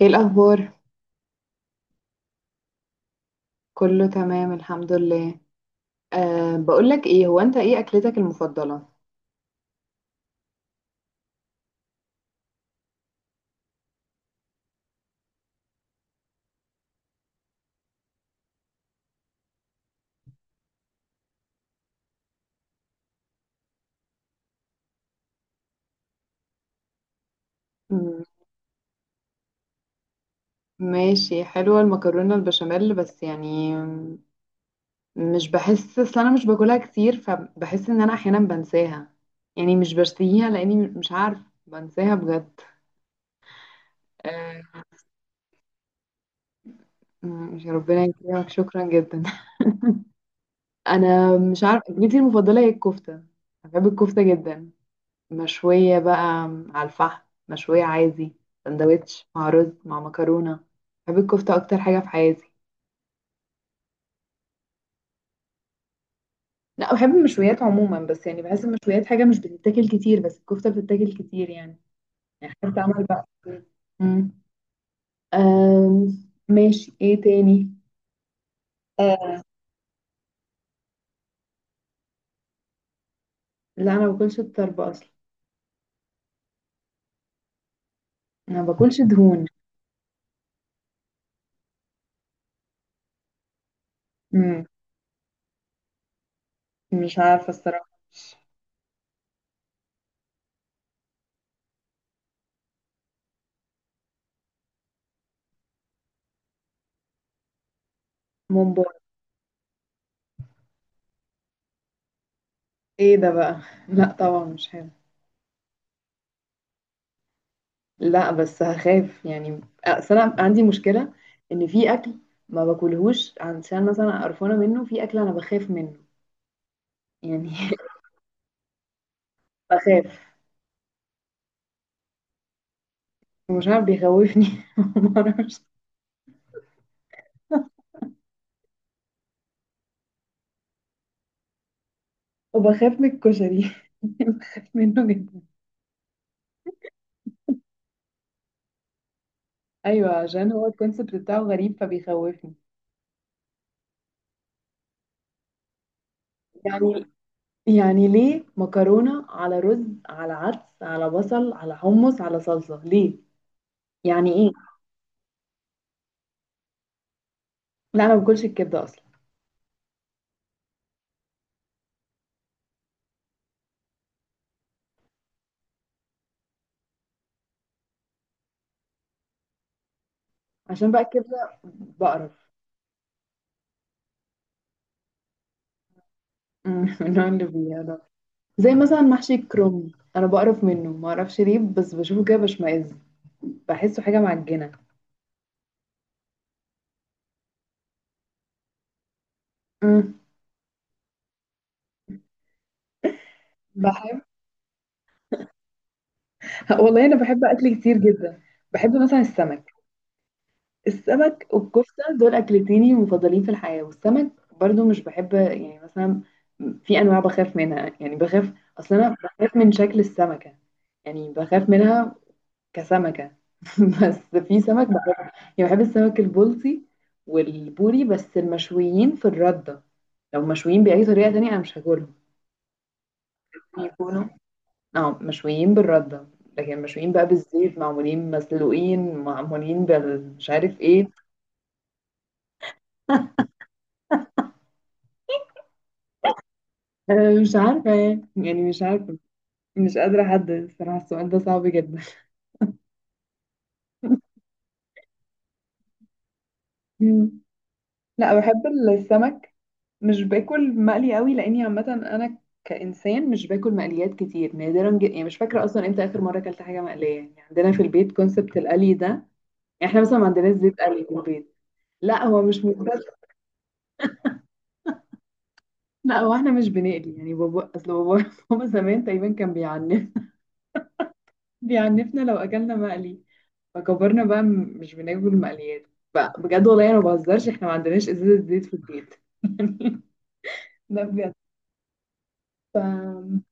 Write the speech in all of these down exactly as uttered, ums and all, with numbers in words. ايه الاخبار؟ كله تمام، الحمد لله. أه بقولك ايه، هو انت ايه اكلتك المفضله؟ مم، ماشي، حلوه المكرونه البشاميل، بس يعني مم، مش بحس، اصل انا مش باكلها كتير، فبحس ان انا احيانا بنساها، يعني مش بشتهيها لاني مش عارف، بنساها بجد. أه. مم، يا ربنا يكرمك، شكرا جدا. انا مش عارف، اكلتي المفضله هي الكفته. أنا بحب الكفته جدا، مشوية بقى، على الفحم، مشوية عادي، سندوتش مع رز مع مكرونة. بحب الكفتة أكتر حاجة في حياتي. لا، بحب المشويات عموما، بس يعني بحس المشويات حاجة مش بتتاكل كتير، بس الكفتة بتتاكل كتير يعني. يعني حاجة بتتعمل بقى. مم. أم، ماشي، ايه تاني؟ آه. لا، أنا ما باكلش الطرب أصلا. أنا ما باكلش دهون. مم. مش عارفة الصراحة. ممبار. ايه ده بقى؟ لا، طبعا مش حلو. لا بس هخاف، يعني اصل انا عندي مشكله، ان في اكل ما باكلهوش عشان مثلا قرفانه منه، في اكل انا بخاف منه يعني. بخاف، ومش عارف بيخوفني. معرفش. وبخاف من الكشري، بخاف منه جدا. ايوه، عشان هو الكونسيبت بتاعه غريب فبيخوفني. يعني يعني ليه مكرونه على رز، على عدس، على بصل، على حمص، على صلصه، ليه؟ يعني ايه؟ لا، انا ما باكلش الكبده اصلا. عشان بقى الكبده بقرف. مم، من نوع اللي بيقرف، زي مثلا محشي الكرنب، انا بقرف منه، ما اعرفش ليه، بس بشوفه كده بشمئز، بحسه حاجه معجنه. مم. بحب. والله انا بحب اكل كتير جدا. بحب مثلا السمك. السمك والكفته دول اكلتيني المفضلين في الحياه، والسمك برضو مش بحب، يعني مثلا في انواع بخاف منها، يعني بخاف، اصلا انا بخاف من شكل السمكه، يعني بخاف منها كسمكه. بس في سمك يعني، بحب السمك البلطي والبوري، بس المشويين في الردة. لو مشويين بأي طريقة تانية أنا مش هاكلهم. بيكونوا، اه مشويين بالردة. لكن مشويين بقى بالزيت، معمولين مسلوقين، معمولين بال مش عارف ايه. أنا مش عارفة، يعني يعني مش عارفة، مش قادرة أحدد الصراحة، السؤال ده صعب جدا. لا، بحب السمك. مش باكل مقلي قوي لاني عامه انا كانسان مش باكل مقليات كتير، نادرا جدا، يعني مش فاكره اصلا امتى اخر مره اكلت حاجه مقليه، يعني عندنا في البيت كونسبت القلي ده يعني. احنا مثلا ما عندناش زيت قلي في البيت. لا هو مش متبل. لا هو احنا مش بنقلي، يعني بابا، اصل بابا، بابا زمان تقريبا كان بيعنف بيعنفنا لو اكلنا مقلي. فكبرنا بقى، م- مش بناكل مقليات بقى بجد، والله انا ما بهزرش، احنا ما عندناش ازازه زيت في البيت. ده بجد، ف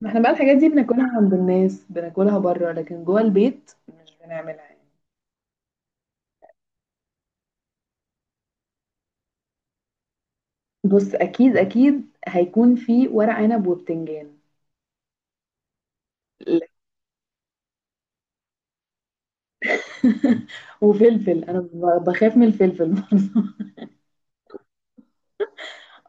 ما احنا بقى، الحاجات دي بناكلها عند الناس، بناكلها بره، لكن جوه البيت مش بنعملها يعني. بص، اكيد اكيد هيكون في ورق عنب وبتنجان. لا. وفلفل، انا ب- بخاف من الفلفل.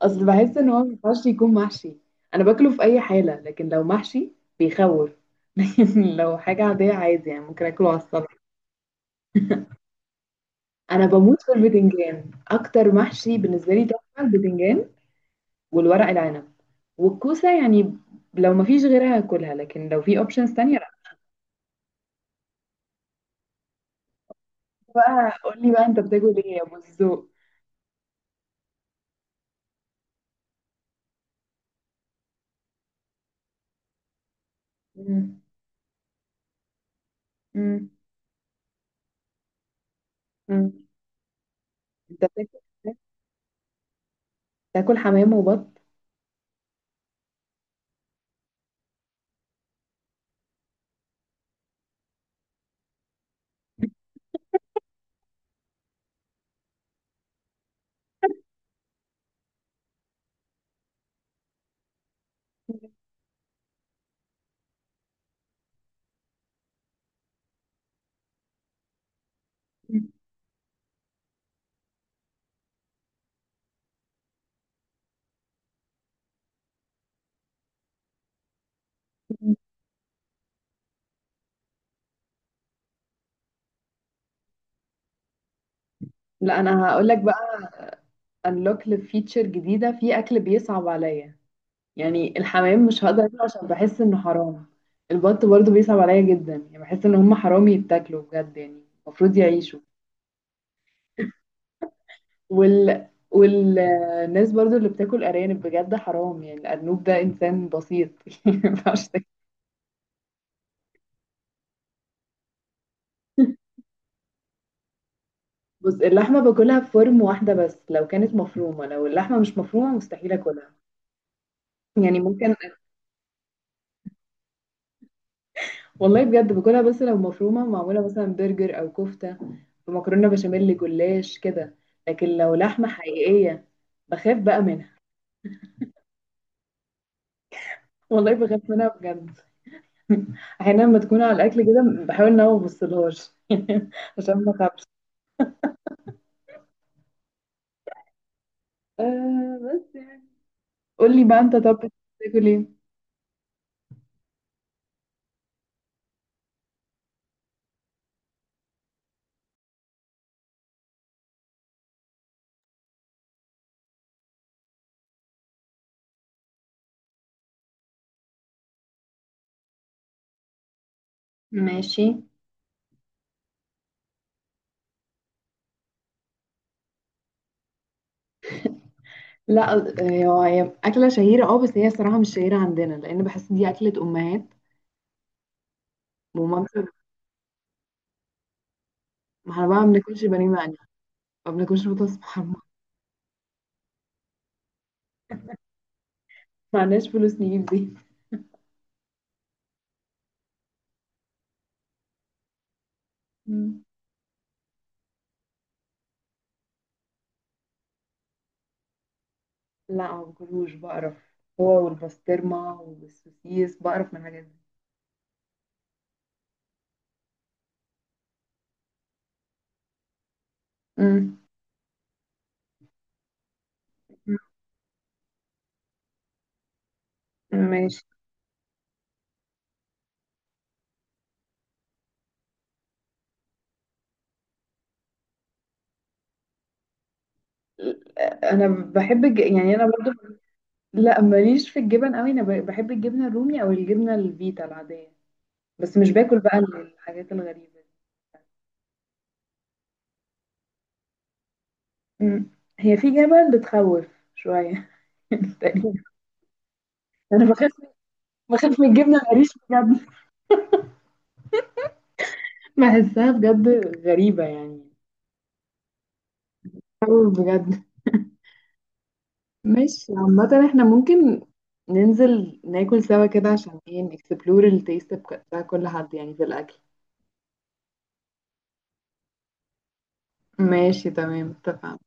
اصل بحس ان هو ما ينفعش يكون محشي، انا باكله في اي حاله، لكن لو محشي بيخوف. لكن لو حاجه عاديه، عادي يعني ممكن اكله على السلطه. انا بموت في البتنجان، اكتر محشي بالنسبه لي تحفه البتنجان، والورق العنب، والكوسة يعني. لو مفيش غيرها هاكلها، لكن لو في اوبشنز تانية، لا. بقى قول لي بقى، انت بتاكل ايه يا ابو الذوق؟ مم. مم. مم. انت بتاكل تاكل حمام وبط؟ مم. لا انا هقول لك بقى، انلوك لفيتشر جديدة، في اكل بيصعب عليا. يعني الحمام مش هقدر اكله عشان بحس انه حرام. البط برضو بيصعب عليا جدا، يعني بحس ان هم حرام يتاكلوا بجد يعني. المفروض يعيشوا. وال والناس برضو اللي بتاكل ارانب، بجد حرام، يعني الارنوب ده انسان بسيط. يعني ما ينفعش تاكل. بص، اللحمه باكلها بفورم واحده، بس لو كانت مفرومه، لو اللحمه مش مفرومه مستحيل اكلها، يعني ممكن. والله بجد باكلها، بس لو مفرومه معموله مثلا برجر او كفته، بمكرونه بشاميل جلاش كده، لكن لو لحمه حقيقيه بخاف بقى منها. والله بخاف منها بجد. احيانا لما تكون على الاكل كده بحاول ان انا ما ابصلهاش، عشان ما اخافش. آه بس يعني. قولي بقى، انت طب بتاكل ايه؟ ماشي. لا، آه، هي اكله شهيره، اه بس هي الصراحه مش شهيره عندنا، لان بحس دي اكله امهات، ومامتي. ما احنا بقى ما بناكلش بانيه مقلي، ما بناكلش بطاطس محمره. ما عندناش فلوس نجيب دي. مم. لا ما باكلوش، بقرف، هو والبسطرمه والسوسيس، بقرف من الحاجات دي. مم. ماشي. انا بحب الج... يعني انا برضو. لا، ماليش في الجبن قوي، انا ب- بحب الجبنه الرومي، او الجبنه الفيتا العاديه، بس مش باكل بقى الحاجات الغريبه. إمم. هي في جبل بتخوّف شوية. تقريبًا. أنا باخاف باخاف من الجبنة القريش بجد، باحسّها بجد غريبة يعني، خوّف بجد. ماشي، عامةً إحنا ممكن ننزل ناكل سوا كده عشان إيه، نexplore الtaste بك بتاع كل حد يعني في الأكل. ماشي، تمام، اتفقنا.